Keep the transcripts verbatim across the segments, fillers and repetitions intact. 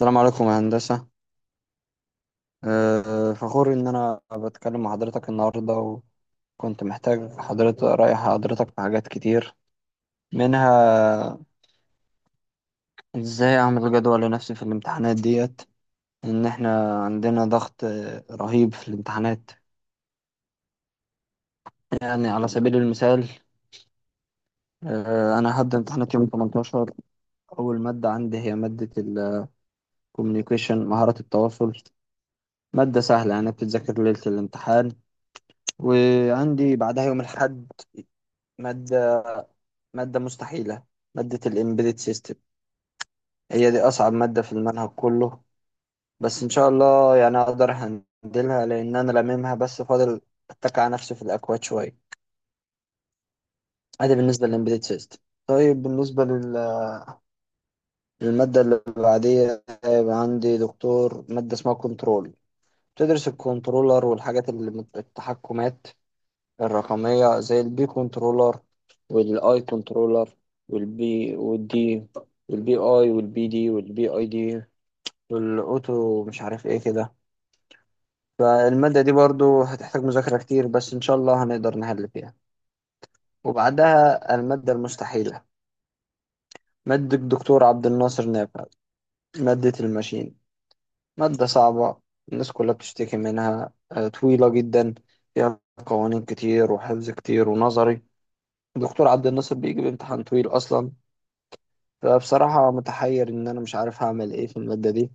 السلام عليكم يا هندسة. أه، فخور إن أنا بتكلم مع حضرتك النهاردة، وكنت محتاج حضرتك، رأي حضرتك في حاجات كتير. منها إزاي أعمل جدول لنفسي في الامتحانات ديت. إن إحنا عندنا ضغط أه، رهيب في الامتحانات. يعني على سبيل المثال، أه، أنا هبدأ امتحانات يوم تمنتاشر. أول مادة عندي هي مادة الكوميونيكيشن، مهارات التواصل، مادة سهلة يعني بتتذاكر ليلة الامتحان. وعندي بعدها يوم الأحد مادة مادة مستحيلة، مادة الإمبيدد سيستم. هي دي أصعب مادة في المنهج كله، بس إن شاء الله يعني أقدر هندلها، لأن أنا لاممها بس فاضل أتك على نفسي في الأكواد شوية. أدي بالنسبة للإمبيدد سيستم. طيب بالنسبة لل- للمادة اللي بعديها، هيبقى عندي دكتور، مادة اسمها كنترول، بتدرس الكنترولر والحاجات اللي مت- التحكمات الرقمية، زي البي كنترولر والآي كنترولر، والبي والدي والبي آي والبي دي والبي آي دي والاوتو مش عارف ايه كده. فالمادة دي برضو هتحتاج مذاكرة كتير، بس ان شاء الله هنقدر نحل فيها. وبعدها المادة المستحيلة، مادة الدكتور عبد الناصر نافع، مادة الماشين، مادة صعبة، الناس كلها بتشتكي منها. آه، طويلة جدا، فيها قوانين كتير وحفظ كتير ونظري. الدكتور عبد الناصر بيجي بامتحان طويل اصلا. فبصراحة متحير ان انا مش عارف هعمل ايه في المادة دي.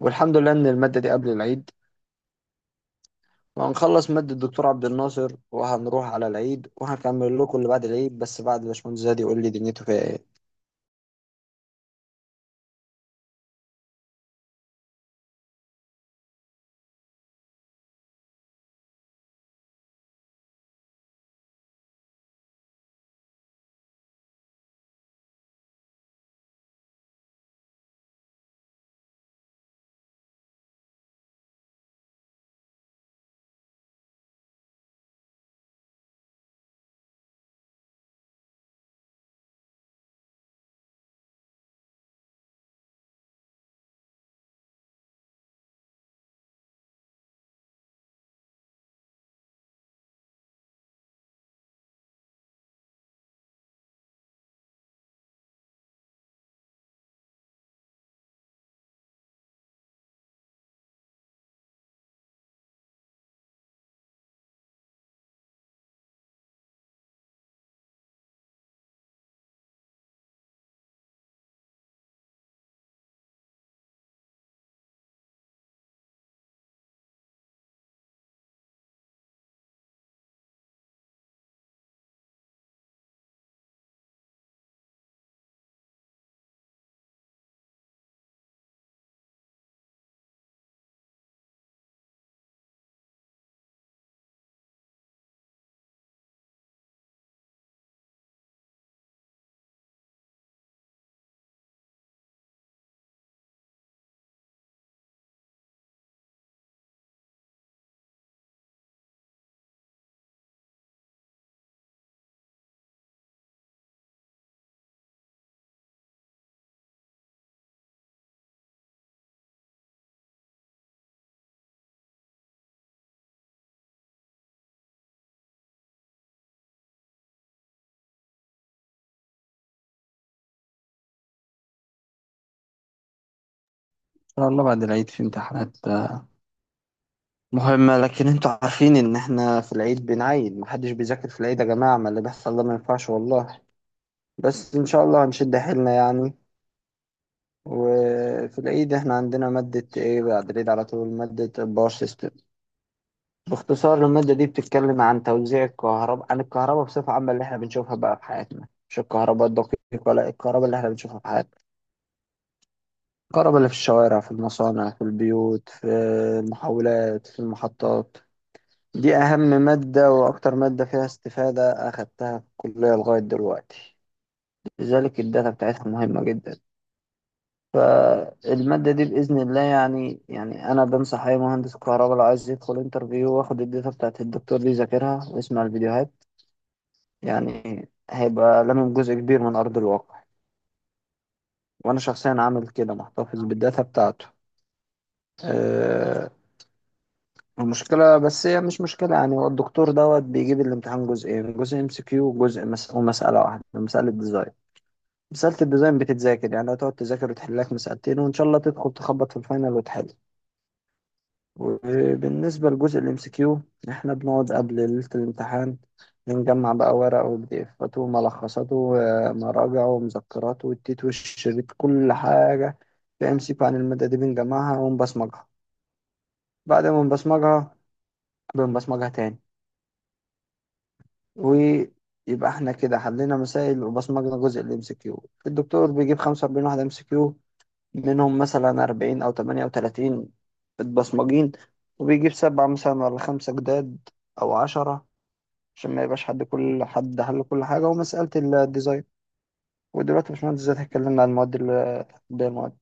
والحمد لله ان المادة دي قبل العيد، وهنخلص مادة الدكتور عبد الناصر وهنروح على العيد، وهكمل لكم اللي بعد العيد بس بعد باشمهندس زياد يقول لي دنيته فيها ايه. ان شاء الله بعد العيد في امتحانات آه، مهمة، لكن انتوا عارفين ان احنا في العيد بنعيد، محدش بيذاكر في العيد يا جماعة، ما اللي بيحصل ده ما ينفعش والله. بس ان شاء الله هنشد حيلنا يعني. وفي العيد احنا عندنا مادة ايه بعد العيد على طول؟ مادة باور سيستم. باختصار المادة دي بتتكلم عن توزيع الكهرباء، عن الكهرباء بصفة عامة اللي احنا بنشوفها بقى في حياتنا، مش الكهرباء الدقيقة، لا، الكهرباء اللي احنا بنشوفها في حياتنا، الكهرباء اللي في الشوارع، في المصانع، في البيوت، في المحولات، في المحطات. دي أهم مادة وأكتر مادة فيها استفادة أخدتها في الكلية لغاية دلوقتي. لذلك الداتا بتاعتها مهمة جدا. فالمادة دي بإذن الله يعني، يعني أنا بنصح أي مهندس كهرباء لو عايز يدخل انترفيو، واخد الداتا بتاعت الدكتور دي يذاكرها ويسمع الفيديوهات. يعني هيبقى لامم جزء كبير من أرض الواقع. وأنا شخصيا عامل كده، محتفظ بالداتا بتاعته. أه المشكلة بس، هي مش مشكلة يعني، هو الدكتور دوت بيجيب الامتحان جزئين، جزء ام سي كيو وجزء مس... ومسألة واحدة، مسألة ديزاين. مسألة الديزاين بتتذاكر يعني، هتقعد تذاكر وتحل لك مسألتين، وإن شاء الله تدخل تخبط في الفاينل وتحل. وبالنسبة لجزء الام سي كيو، احنا بنقعد قبل ليلة الامتحان بنجمع بقى ورقه وبديفاته وملخصاته ومراجعه ومذكراته والتيت والشريط، كل حاجة في ام سي كيو عن المادة دي بنجمعها ونبصمجها. بعد ما نبصمجها بنبصمجها تاني، ويبقى احنا كده حلينا مسائل وبصمجنا جزء الام سي كيو. الدكتور بيجيب خمسة وأربعين واحدة ام سي كيو، منهم مثلا أربعين او ثمانية وثلاثين متبصمجين، وبيجيب سبعة مثلا ولا خمسة جداد أو عشرة، عشان ما يبقاش حد، كل حد حل كل حاجة. ومسألة الديزاين. ودلوقتي يا باشمهندس زي اتكلمنا عن المواد ال- بقى المواد،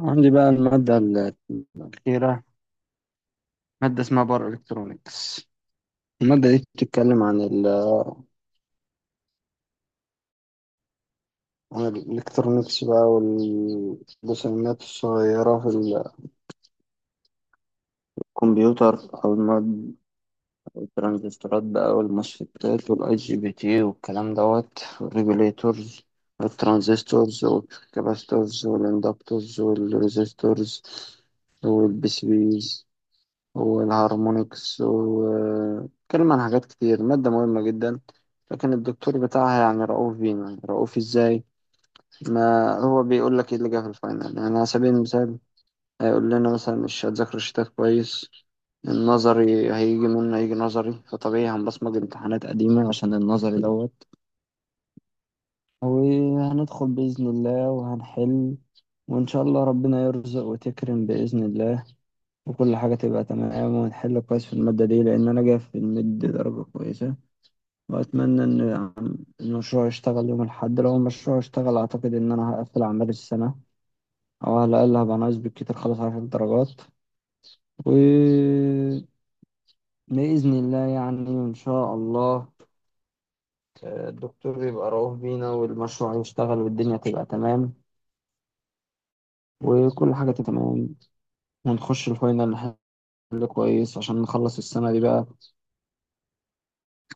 عندي بقى المادة ال- الأخيرة، مادة اسمها باور إلكترونيكس. المادة دي بتتكلم عن ال عن الإلكترونيكس بقى، والرسومات الصغيرة في الكمبيوتر أو المواد، الترانزستورات بقى والمسفتات والاي جي بي تي والكلام دوت، والريجوليتورز والترانزستورز والكاباستورز والاندكتورز والريزستورز والبي سي بيز والهارمونكس، واتكلم عن حاجات كتير، مادة مهمة جدا. لكن الدكتور بتاعها يعني رؤوف بينا. رؤوف ازاي؟ ما هو بيقول لك ايه اللي جه في الفاينل، يعني على سبيل المثال هيقول لنا مثلا مش هتذاكروا الشتات كويس، النظري هيجي منه، هيجي نظري. فطبيعي هنبصمج امتحانات قديمة عشان النظري دوت، وهندخل بإذن الله وهنحل، وإن شاء الله ربنا يرزق وتكرم بإذن الله، وكل حاجة تبقى تمام، ونحل كويس في المادة دي لأن أنا جاي في المد درجة كويسة. وأتمنى إن المشروع يشتغل يوم الأحد. لو المشروع اشتغل، أعتقد إن أنا هقفل أعمال السنة، أو على الأقل هبقى ناقص بالكتير خلاص عشر درجات. و بإذن الله يعني، إن شاء الله الدكتور يبقى رؤوف بينا، والمشروع يشتغل، والدنيا تبقى تمام، وكل حاجة تبقى تمام، ونخش الفاينل نحل كويس عشان نخلص السنة دي بقى.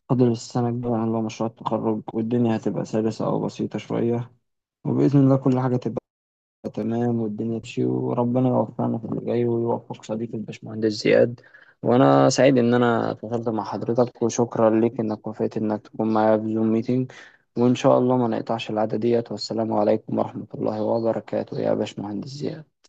فاضل السنة الجاية اللي هو مشروع التخرج، والدنيا هتبقى سلسة أو بسيطة شوية. وبإذن الله كل حاجة تبقى تمام، والدنيا تمشي، وربنا يوفقنا في اللي جاي، ويوفق صديقي الباشمهندس زياد. وانا سعيد ان انا اتواصلت مع حضرتك، وشكرا لك انك وافقت انك تكون معايا في زوم ميتنج. وان شاء الله ما نقطعش العادة ديت. والسلام عليكم ورحمة الله وبركاته يا باشمهندس زياد.